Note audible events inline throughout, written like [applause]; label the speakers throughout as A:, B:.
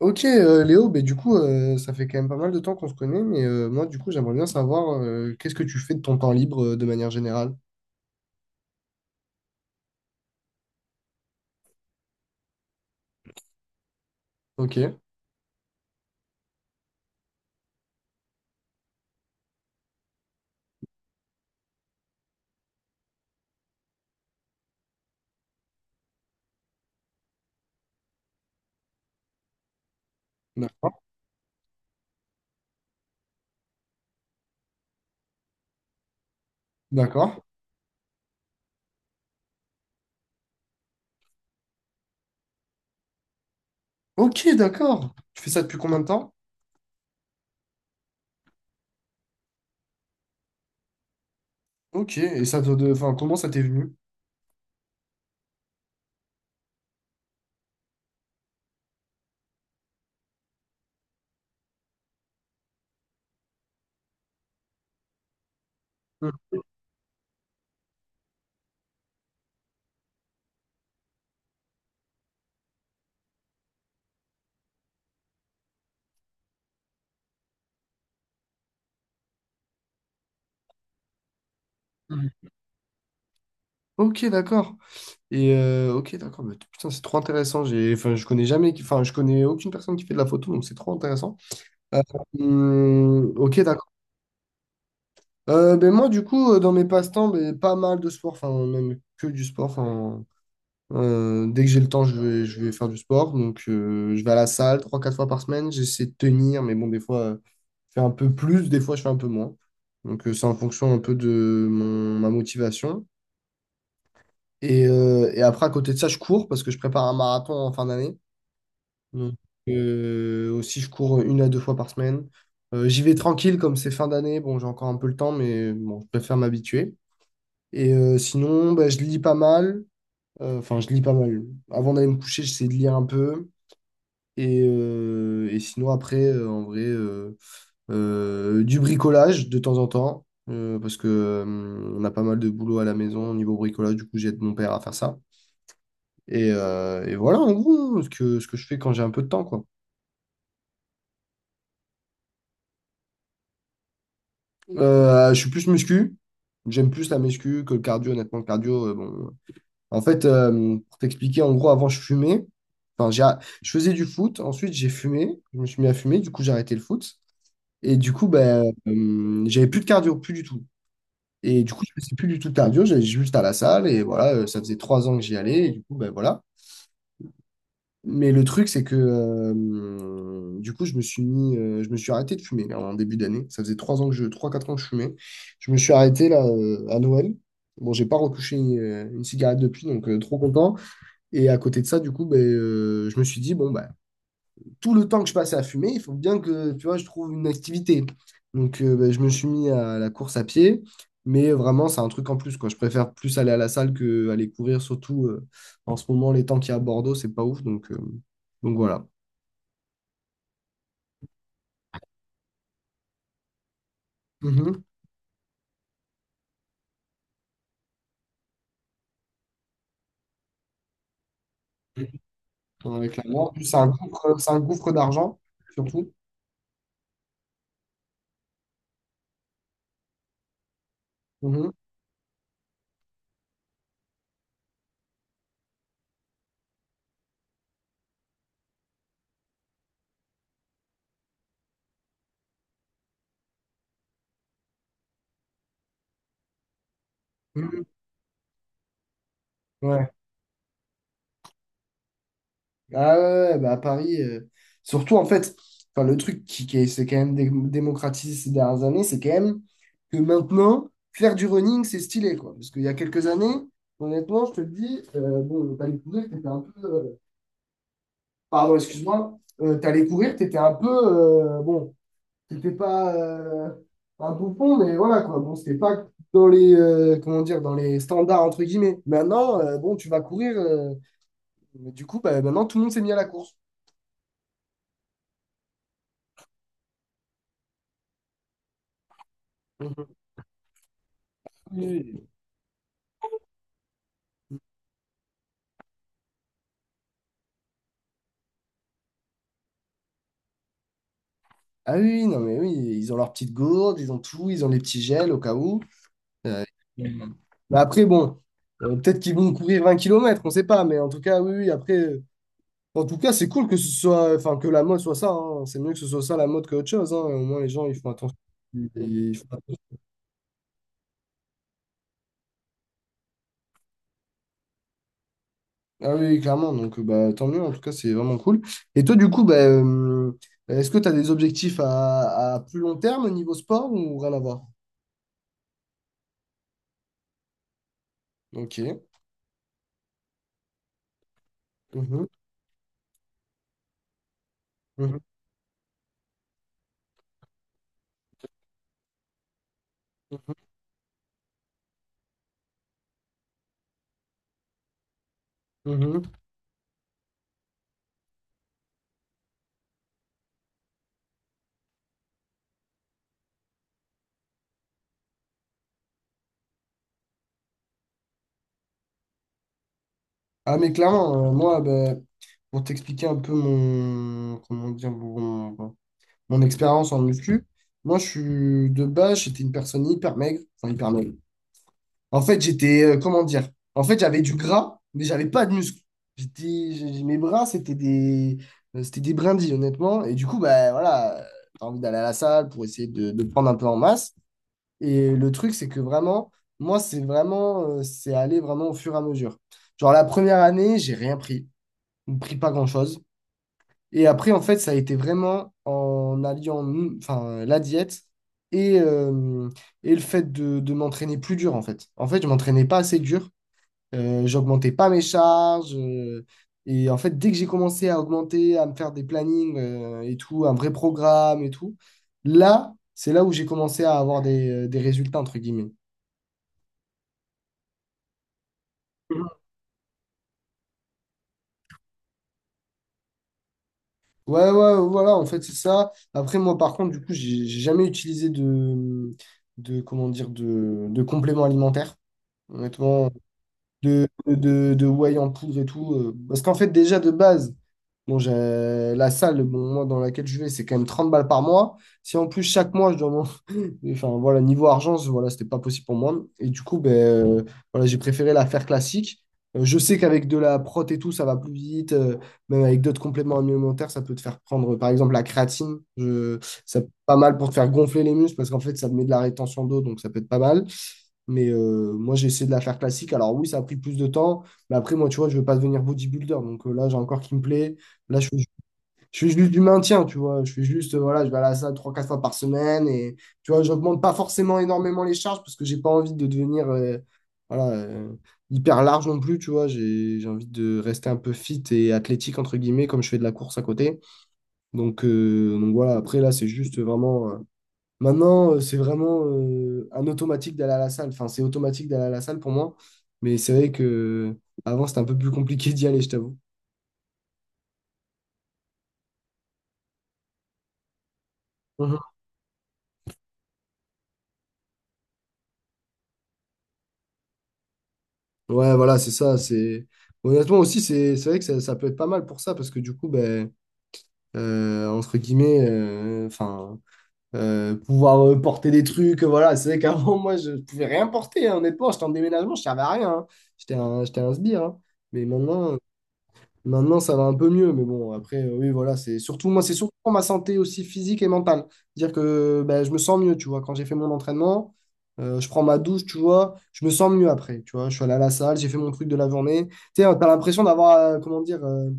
A: Ok, Léo, ben du coup, ça fait quand même pas mal de temps qu'on se connaît, mais moi, du coup, j'aimerais bien savoir qu'est-ce que tu fais de ton temps libre de manière générale. Ok, d'accord, d'accord. Ok, d'accord. Tu fais ça depuis combien de temps? Ok, et enfin, comment ça t'est venu? Mhm. Mhm. Ok, d'accord. Et ok, d'accord, mais putain, c'est trop intéressant. Enfin, je connais jamais, enfin, je connais aucune personne qui fait de la photo, donc c'est trop intéressant. Euh, hum, ok, d'accord. Ben moi, du coup, dans mes passe-temps, ben, pas mal de sport, enfin, même que du sport. Enfin, dès que j'ai le temps, je vais faire du sport. Donc, je vais à la salle trois quatre fois par semaine. J'essaie de tenir, mais bon, des fois, je fais un peu plus, des fois, je fais un peu moins. Donc, c'est en fonction un peu de ma motivation. Et après, à côté de ça, je cours parce que je prépare un marathon en fin d'année. Donc, aussi, je cours une à deux fois par semaine. J'y vais tranquille, comme c'est fin d'année. Bon, j'ai encore un peu le temps, mais bon, je préfère m'habituer. Et sinon, bah, je lis pas mal. Enfin, je lis pas mal. Avant d'aller me coucher, j'essaie de lire un peu. Et sinon, après, en vrai, du bricolage de temps en temps. Parce que, on a pas mal de boulot à la maison au niveau bricolage. Du coup, j'aide mon père à faire ça. Et voilà, en gros, ce que je fais quand j'ai un peu de temps, quoi. Je suis plus muscu. J'aime plus la muscu que le cardio. Honnêtement, le cardio, bon. En fait, pour t'expliquer, en gros, avant, je fumais. Enfin, je faisais du foot. Ensuite, j'ai fumé. Je me suis mis à fumer. Du coup, j'ai arrêté le foot. Et du coup, ben, j'avais plus de cardio, plus du tout. Et du coup, je faisais plus du tout de cardio. J'allais juste à la salle. Et voilà, ça faisait 3 ans que j'y allais. Et du coup, ben voilà. Mais le truc, c'est que du coup, je me suis arrêté de fumer là, en début d'année. Ça faisait 3, 4 ans que je fumais. Je me suis arrêté là à Noël. Bon, j'ai pas retouché une cigarette depuis, donc trop content. Et à côté de ça, du coup, ben, je me suis dit, bon, ben, tout le temps que je passais à fumer, il faut bien que, tu vois, je trouve une activité. Donc, ben, je me suis mis à la course à pied, mais vraiment, c'est un truc en plus, quoi. Je préfère plus aller à la salle que aller courir, surtout en ce moment, les temps qu'il y a à Bordeaux, c'est pas ouf. Donc voilà. Mhm. Avec la mort, c'est un gouffre d'argent, surtout. Mhm. Mhm. Ouais. Ah ouais, ouais, bah à Paris, surtout en fait, enfin le truc qui s'est quand même démocratisé ces dernières années, c'est quand même que maintenant, faire du running, c'est stylé, quoi. Parce qu'il y a quelques années, honnêtement, je te le dis, bon, t'allais courir, t'étais un peu. Pardon, excuse-moi. T'allais courir, t'étais un peu. Bon, t'étais pas un bouffon, mais voilà, quoi. Bon, c'était pas dans comment dire, dans les standards, entre guillemets. Maintenant, bon, tu vas courir. Mais du coup, bah, maintenant, tout le monde s'est mis à la course. Mhm. Ah oui, oui, non, mais oui, ils ont leur petite gourde, ils ont tout, ils ont les petits gels au cas où. Euh, Mhm. Mais après, bon, peut-être qu'ils vont courir 20 kilomètres, on ne sait pas, mais en tout cas, oui, oui, après, en tout cas, c'est cool que ce soit, enfin, que la mode soit ça, hein. C'est mieux que ce soit ça la mode que autre chose, hein. Au moins, les gens, ils font attention. Ils font Ah oui, clairement, donc bah, tant mieux, en tout cas, c'est vraiment cool. Et toi, du coup, bah, est-ce que tu as des objectifs à plus long terme au niveau sport ou rien à voir? Ok. Mhm. Mhm. Mhm. Mhm. Ah mais clairement, moi, ben, pour t'expliquer un peu comment dire, mon expérience en muscu, moi je suis de base, j'étais une personne hyper maigre, enfin hyper maigre. En fait, comment dire, en fait j'avais du gras, mais j'avais pas de muscles. Mes bras, c'était des brindilles, honnêtement. Et du coup, ben voilà, t'as envie d'aller à la salle pour essayer de prendre un peu en masse. Et le truc, c'est que vraiment, moi, c'est aller vraiment au fur et à mesure. Genre la première année, j'ai rien pris, on ne prit pas grand-chose. Et après, en fait, ça a été vraiment en alliant enfin, la diète et, euh, et le fait de m'entraîner plus dur, en fait. En fait, je m'entraînais pas assez dur, j'augmentais pas mes charges. Et en fait, dès que j'ai commencé à augmenter, à me faire des plannings et tout, un vrai programme et tout, là, c'est là où j'ai commencé à avoir des résultats, entre guillemets. Ouais, ouais, voilà, en fait, c'est ça. Après, moi, par contre, du coup, j'ai jamais utilisé comment dire, de complément alimentaire, honnêtement, de whey en poudre et tout. Parce qu'en fait, déjà, de base, bon, j'ai la salle, bon, moi, dans laquelle je vais, c'est quand même 30 balles par mois. Si en plus, chaque mois, je dois et Enfin, voilà, niveau argent, voilà, c'était pas possible pour moi. Et du coup, ben, voilà, j'ai préféré la faire classique. Je sais qu'avec de la prot et tout, ça va plus vite. Même avec d'autres compléments alimentaires, ça peut te faire prendre, par exemple, la créatine. Ça peut être pas mal pour te faire gonfler les muscles parce qu'en fait, ça te met de la rétention d'eau, donc ça peut être pas mal. Mais moi, j'ai essayé de la faire classique. Alors oui, ça a pris plus de temps. Mais après, moi, tu vois, je veux pas devenir bodybuilder. Donc là, j'ai un corps qui me plaît. Là, je fais juste du maintien, tu vois. Je fais juste, voilà, je vais à la salle trois quatre fois par semaine. Et tu vois, j'augmente pas forcément énormément les charges parce que j'ai pas envie de devenir voilà, hyper large non plus, tu vois. J'ai envie de rester un peu fit et athlétique, entre guillemets, comme je fais de la course à côté. Donc voilà, après là, c'est juste vraiment. Maintenant, c'est vraiment un automatique d'aller à la salle. Enfin, c'est automatique d'aller à la salle pour moi. Mais c'est vrai que avant, c'était un peu plus compliqué d'y aller, je t'avoue. Ouais, voilà, c'est ça. Honnêtement aussi, c'est vrai que ça peut être pas mal pour ça, parce que du coup, ben, entre guillemets, enfin, pouvoir porter des trucs, voilà. C'est vrai qu'avant, [laughs] moi, je pouvais rien porter, hein, honnêtement. J'étais en déménagement, je servais à rien, hein. J'étais un sbire, hein. Mais maintenant, Maintenant, ça va un peu mieux, mais bon, après, oui, voilà, c'est surtout moi, c'est surtout pour ma santé aussi physique et mentale. Dire que ben, je me sens mieux, tu vois, quand j'ai fait mon entraînement, je prends ma douche, tu vois, je me sens mieux après, tu vois, je suis allé à la salle, j'ai fait mon truc de la journée. Tu sais, t'as l'impression d'avoir, comment dire, euh,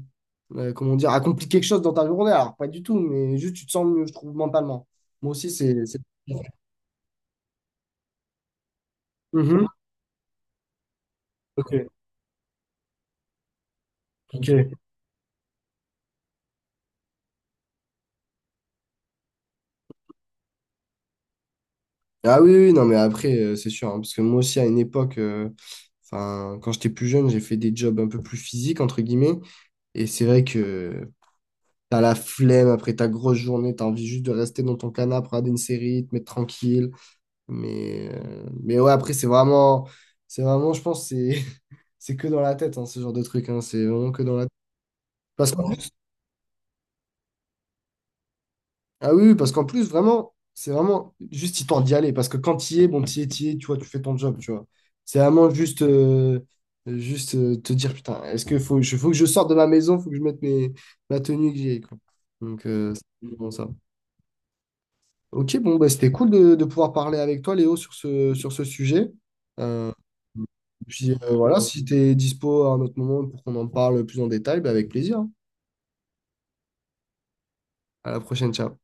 A: euh, comment dire, accompli quelque chose dans ta journée, alors pas du tout, mais juste tu te sens mieux, je trouve, mentalement. Moi aussi. Mhm. Ok, ok. Ah oui, oui, non, mais après, c'est sûr, hein, parce que moi aussi, à une époque, enfin, quand j'étais plus jeune, j'ai fait des jobs un peu plus physiques, entre guillemets, et c'est vrai que t'as la flemme après ta grosse journée, t'as envie juste de rester dans ton canapé, regarder une série, te mettre tranquille, mais ouais, après, c'est vraiment, je pense, c'est [laughs] c'est que dans la tête, hein, ce genre de truc, hein, c'est vraiment que dans la tête. Parce qu'en Ah oui, oui, parce qu'en plus, vraiment, c'est vraiment juste histoire d'y aller. Parce que quand tu y es, bon, tu es, tu vois, tu fais ton job, tu vois. C'est vraiment juste te dire, putain, est-ce que faut, faut que je sorte de ma maison, faut que je mette ma tenue que j'ai, quoi. Donc, c'est bon, ça. Ok, bon, bah, c'était cool de pouvoir parler avec toi, Léo, sur ce sujet. Puis voilà, si tu es dispo à un autre moment pour qu'on en parle plus en détail, bah, avec plaisir, hein. À la prochaine, ciao.